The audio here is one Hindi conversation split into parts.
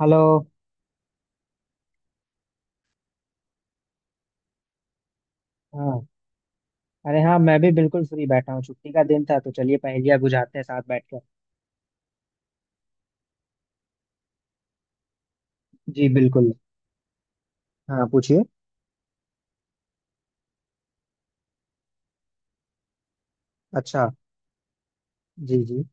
हेलो। हाँ, अरे हाँ, मैं भी बिल्कुल फ्री बैठा हूँ, छुट्टी का दिन था, तो चलिए पहेलियाँ बुझाते हैं साथ बैठ कर। जी बिल्कुल। हाँ पूछिए। अच्छा। जी जी।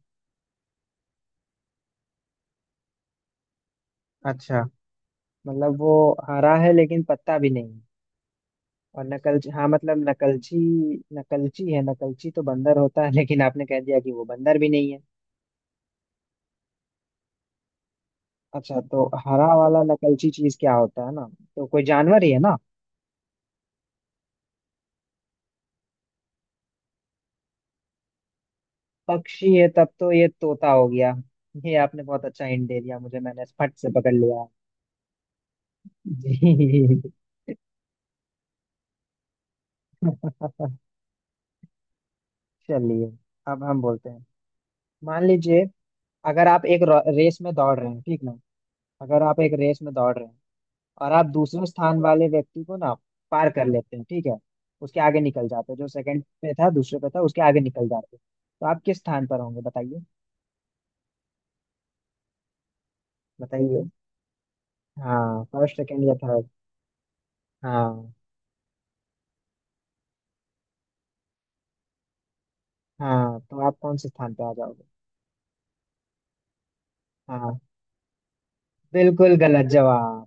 अच्छा, मतलब वो हरा है लेकिन पत्ता भी नहीं है। और नकलची, हाँ मतलब नकलची, नकलची है। नकलची तो बंदर होता है, लेकिन आपने कह दिया कि वो बंदर भी नहीं है। अच्छा, तो हरा वाला नकलची चीज क्या होता है ना, तो कोई जानवर ही है ना। पक्षी है, तब तो ये तोता हो गया। ये आपने बहुत अच्छा हिंट दे दिया मुझे, मैंने फट से पकड़ लिया। जी। चलिए, अब हम बोलते हैं, मान लीजिए, अगर आप एक रेस में दौड़ रहे हैं, ठीक ना। अगर आप एक रेस में दौड़ रहे हैं, और आप दूसरे स्थान वाले व्यक्ति को ना पार कर लेते हैं, ठीक है, उसके आगे निकल जाते हैं, जो सेकंड पे था, दूसरे पे था, उसके आगे निकल जाते हैं, तो आप किस स्थान पर होंगे, बताइए। बताइए, हाँ फर्स्ट, सेकंड या थर्ड। हाँ हाँ, तो आप कौन से स्थान पे आ जाओगे। हाँ, बिल्कुल गलत जवाब।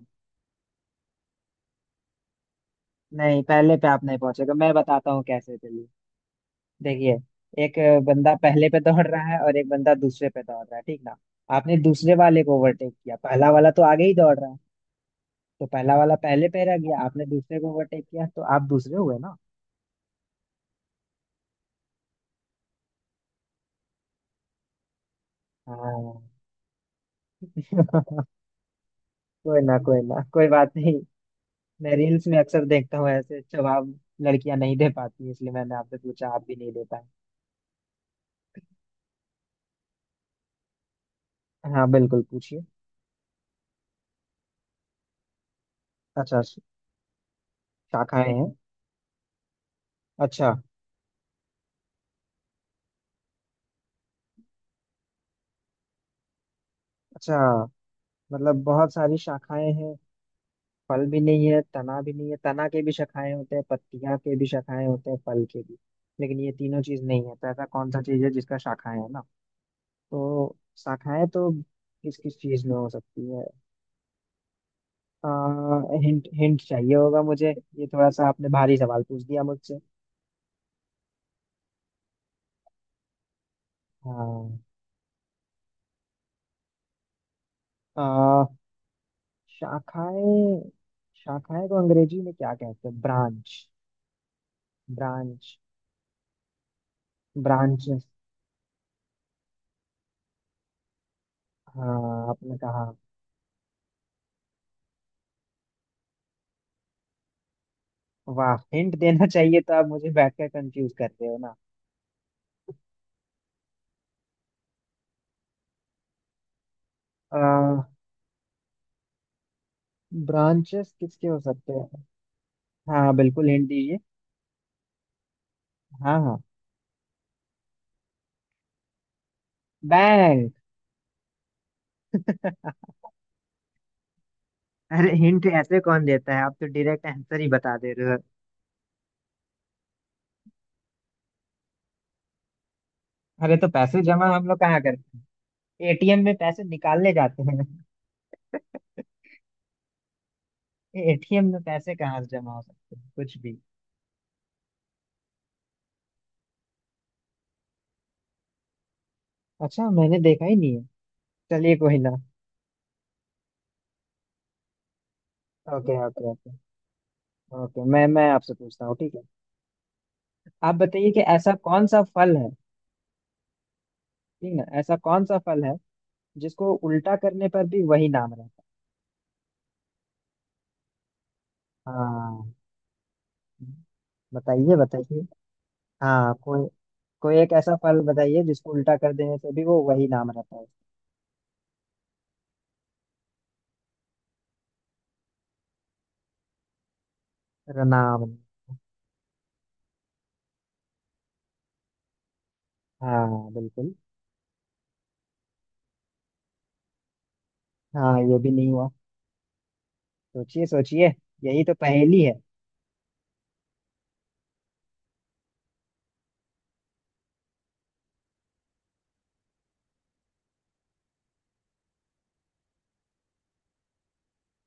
नहीं, पहले पे आप नहीं पहुंचेगा, मैं बताता हूँ कैसे, चलिए। देखिए, एक बंदा पहले पे दौड़ रहा है, और एक बंदा दूसरे पे दौड़ रहा है, ठीक ना। आपने दूसरे वाले को ओवरटेक किया, पहला वाला तो आगे ही दौड़ रहा है, तो पहला वाला पहले पे रह गया, आपने दूसरे को ओवरटेक किया, तो आप दूसरे हुए ना। हाँ। कोई ना, कोई ना, कोई बात नहीं। मैं रील्स में अक्सर देखता हूँ ऐसे जवाब, लड़कियां नहीं दे पाती, इसलिए मैंने आपसे पूछा, आप भी नहीं दे पाए। हाँ बिल्कुल पूछिए। अच्छा, शाखाएं हैं। अच्छा। अच्छा, मतलब बहुत सारी शाखाएं हैं, फल भी नहीं है, तना भी नहीं है। तना के भी शाखाएं होते हैं, पत्तियां के भी शाखाएं होते हैं, फल के भी, लेकिन ये तीनों चीज नहीं है, तो ऐसा कौन सा चीज है जिसका शाखाएं है ना। तो शाखाएं तो किस किस चीज में हो सकती है। आ, हिंट हिंट चाहिए होगा मुझे। ये थोड़ा सा आपने भारी सवाल पूछ दिया मुझसे। हाँ। आ, शाखाएं, शाखाएं को अंग्रेजी में क्या कहते हैं, ब्रांच, ब्रांच, ब्रांच। हाँ आपने कहा। वाह, हिंट देना चाहिए तो आप मुझे बैठकर कंफ्यूज कर रहे हो ना। आ, ब्रांचेस किसके हो सकते हैं। हाँ बिल्कुल हिंट दीजिए। हाँ हाँ। बैंक। अरे, हिंट ऐसे कौन देता है, आप तो डायरेक्ट आंसर ही बता दे रहे हो। अरे, तो पैसे जमा हम लोग कहाँ करते हैं, एटीएम में पैसे निकालने जाते हैं। एटीएम में पैसे कहाँ से जमा हो सकते हैं कुछ भी। अच्छा, मैंने देखा ही नहीं है। चलिए कोई ना। Okay okay okay. ओके, मैं आपसे पूछता हूँ, ठीक है। आप बताइए कि ऐसा कौन सा फल है, ठीक ना, ऐसा कौन सा फल है जिसको उल्टा करने पर भी वही नाम रहता है? हाँ बताइए बताइए। हाँ कोई, कोई एक ऐसा फल बताइए जिसको उल्टा कर देने से भी वो वही नाम रहता है। रनावली। हाँ बिल्कुल। हाँ ये भी नहीं हुआ। सोचिए सोचिए, यही तो पहेली है।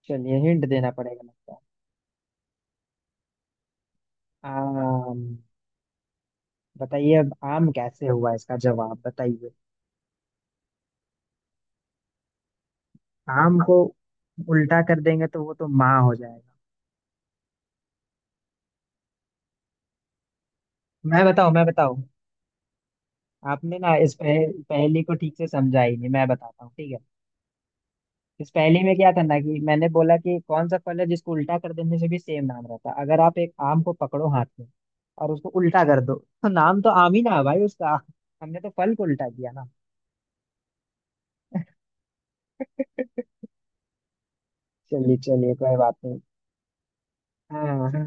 चलिए हिंट देना पड़ेगा लगता है। आम, बताइए अब आम कैसे हुआ इसका जवाब बताइए। आम को उल्टा कर देंगे तो वो तो माँ हो जाएगा। मैं बताऊँ, मैं बताऊँ। आपने ना इस पहेली को ठीक से समझा ही नहीं, मैं बताता हूँ ठीक है। इस पहेली में क्या था ना, कि मैंने बोला कि कौन सा फल है जिसको उल्टा कर देने से भी सेम नाम रहता है। अगर आप एक आम को पकड़ो हाथ में और उसको उल्टा कर दो, तो नाम तो आम ही ना है भाई उसका। हमने तो फल को उल्टा किया ना। चलिए चलिए कोई बात नहीं। हाँ हाँ,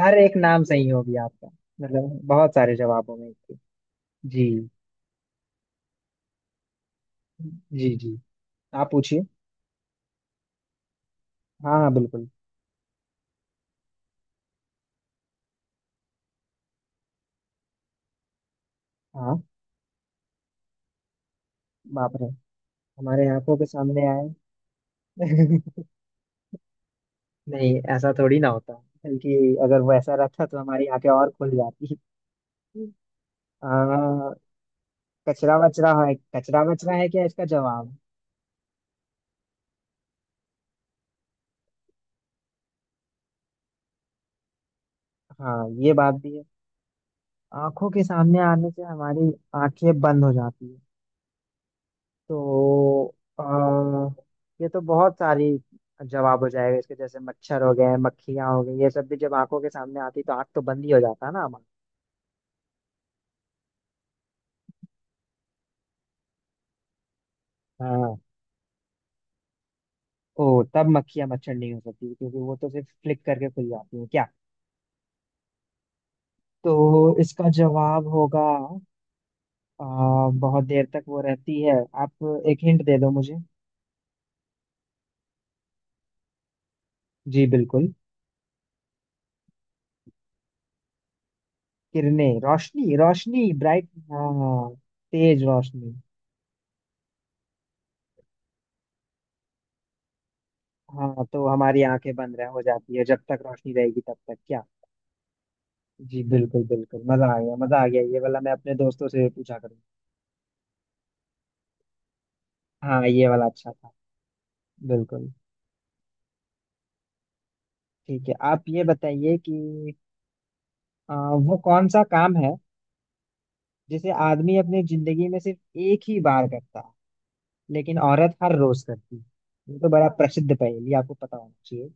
हर एक नाम सही हो गया आपका। मतलब बहुत सारे जवाबों में इसके। जी जी जी, आप पूछिए। हाँ हाँ बिल्कुल। हाँ। बाप रे, हमारे आंखों के सामने आए। नहीं, ऐसा थोड़ी ना होता, बल्कि अगर वो ऐसा रहता तो हमारी आंखें और खुल जाती। आ, कचरा वचरा है, कचरा वचरा है क्या इसका जवाब। हाँ ये बात भी है, आंखों के सामने आने से हमारी आंखें बंद हो जाती है। तो ये तो बहुत सारी जवाब हो जाएगा इसके, जैसे मच्छर हो गए, मक्खियां हो गई, ये सब भी जब आंखों के सामने आती तो आंख तो बंद ही हो जाता है ना हमारा। हाँ, ओ तब मक्खियां मच्छर नहीं हो सकती, क्योंकि वो तो सिर्फ फ्लिक करके खुल जाती है क्या। तो इसका जवाब होगा, बहुत देर तक वो रहती है। आप एक हिंट दे दो मुझे। जी बिल्कुल। किरणें, रोशनी, रोशनी, ब्राइट। हाँ, तेज रोशनी। हाँ, तो हमारी आंखें बंद रह हो जाती है, जब तक रोशनी रहेगी तब तक क्या। जी बिल्कुल बिल्कुल, मजा आ गया, मजा आ गया, ये वाला मैं अपने दोस्तों से भी पूछा करूँ। हाँ, ये वाला अच्छा था। बिल्कुल। ठीक है, आप ये बताइए कि आ, वो कौन सा काम है जिसे आदमी अपनी जिंदगी में सिर्फ एक ही बार करता है, लेकिन औरत हर रोज करती है। ये तो बड़ा प्रसिद्ध पहेली आपको पता होना चाहिए।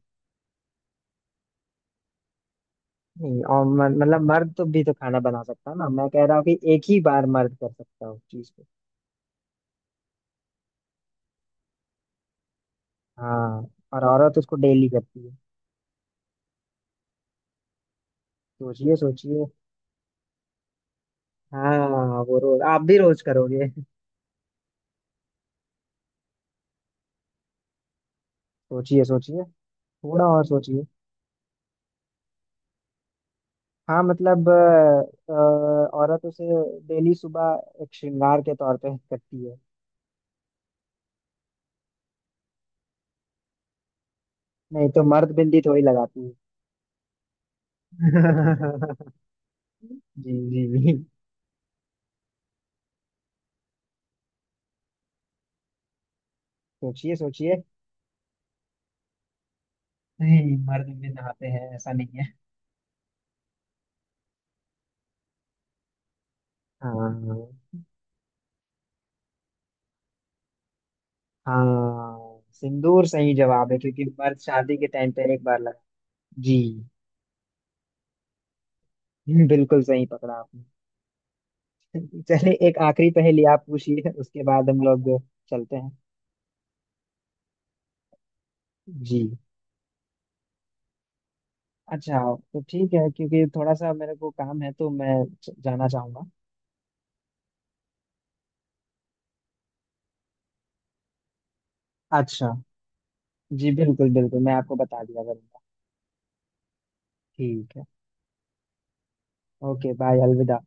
नहीं, और मतलब मर्द तो भी तो खाना बना सकता है ना, मैं कह रहा हूँ कि एक ही बार मर्द कर सकता है उस चीज को। हाँ, और औरत उसको डेली करती है। सोचिए सोचिए। हाँ, वो रोज, आप भी रोज करोगे। सोचिए सोचिए, थोड़ा और सोचिए। हाँ मतलब औरत उसे डेली सुबह एक श्रृंगार के तौर पे करती है। नहीं, तो मर्द बिंदी थोड़ी लगाती है। जी जी जी। सोचिए सोचिए। नहीं, मर्द भी नहाते हैं, ऐसा नहीं है। हाँ हाँ, सिंदूर सही जवाब है, क्योंकि मर्द शादी के टाइम पे एक बार लगा। जी। बिल्कुल सही पकड़ा आपने। चलिए, एक आखिरी पहेली आप पूछिए, उसके बाद हम लोग चलते हैं। जी। अच्छा, तो ठीक है, क्योंकि थोड़ा सा मेरे को काम है, तो मैं जाना चाहूंगा। अच्छा। जी बिल्कुल बिल्कुल, मैं आपको बता दिया करूंगा। ठीक है। ओके बाय, अलविदा।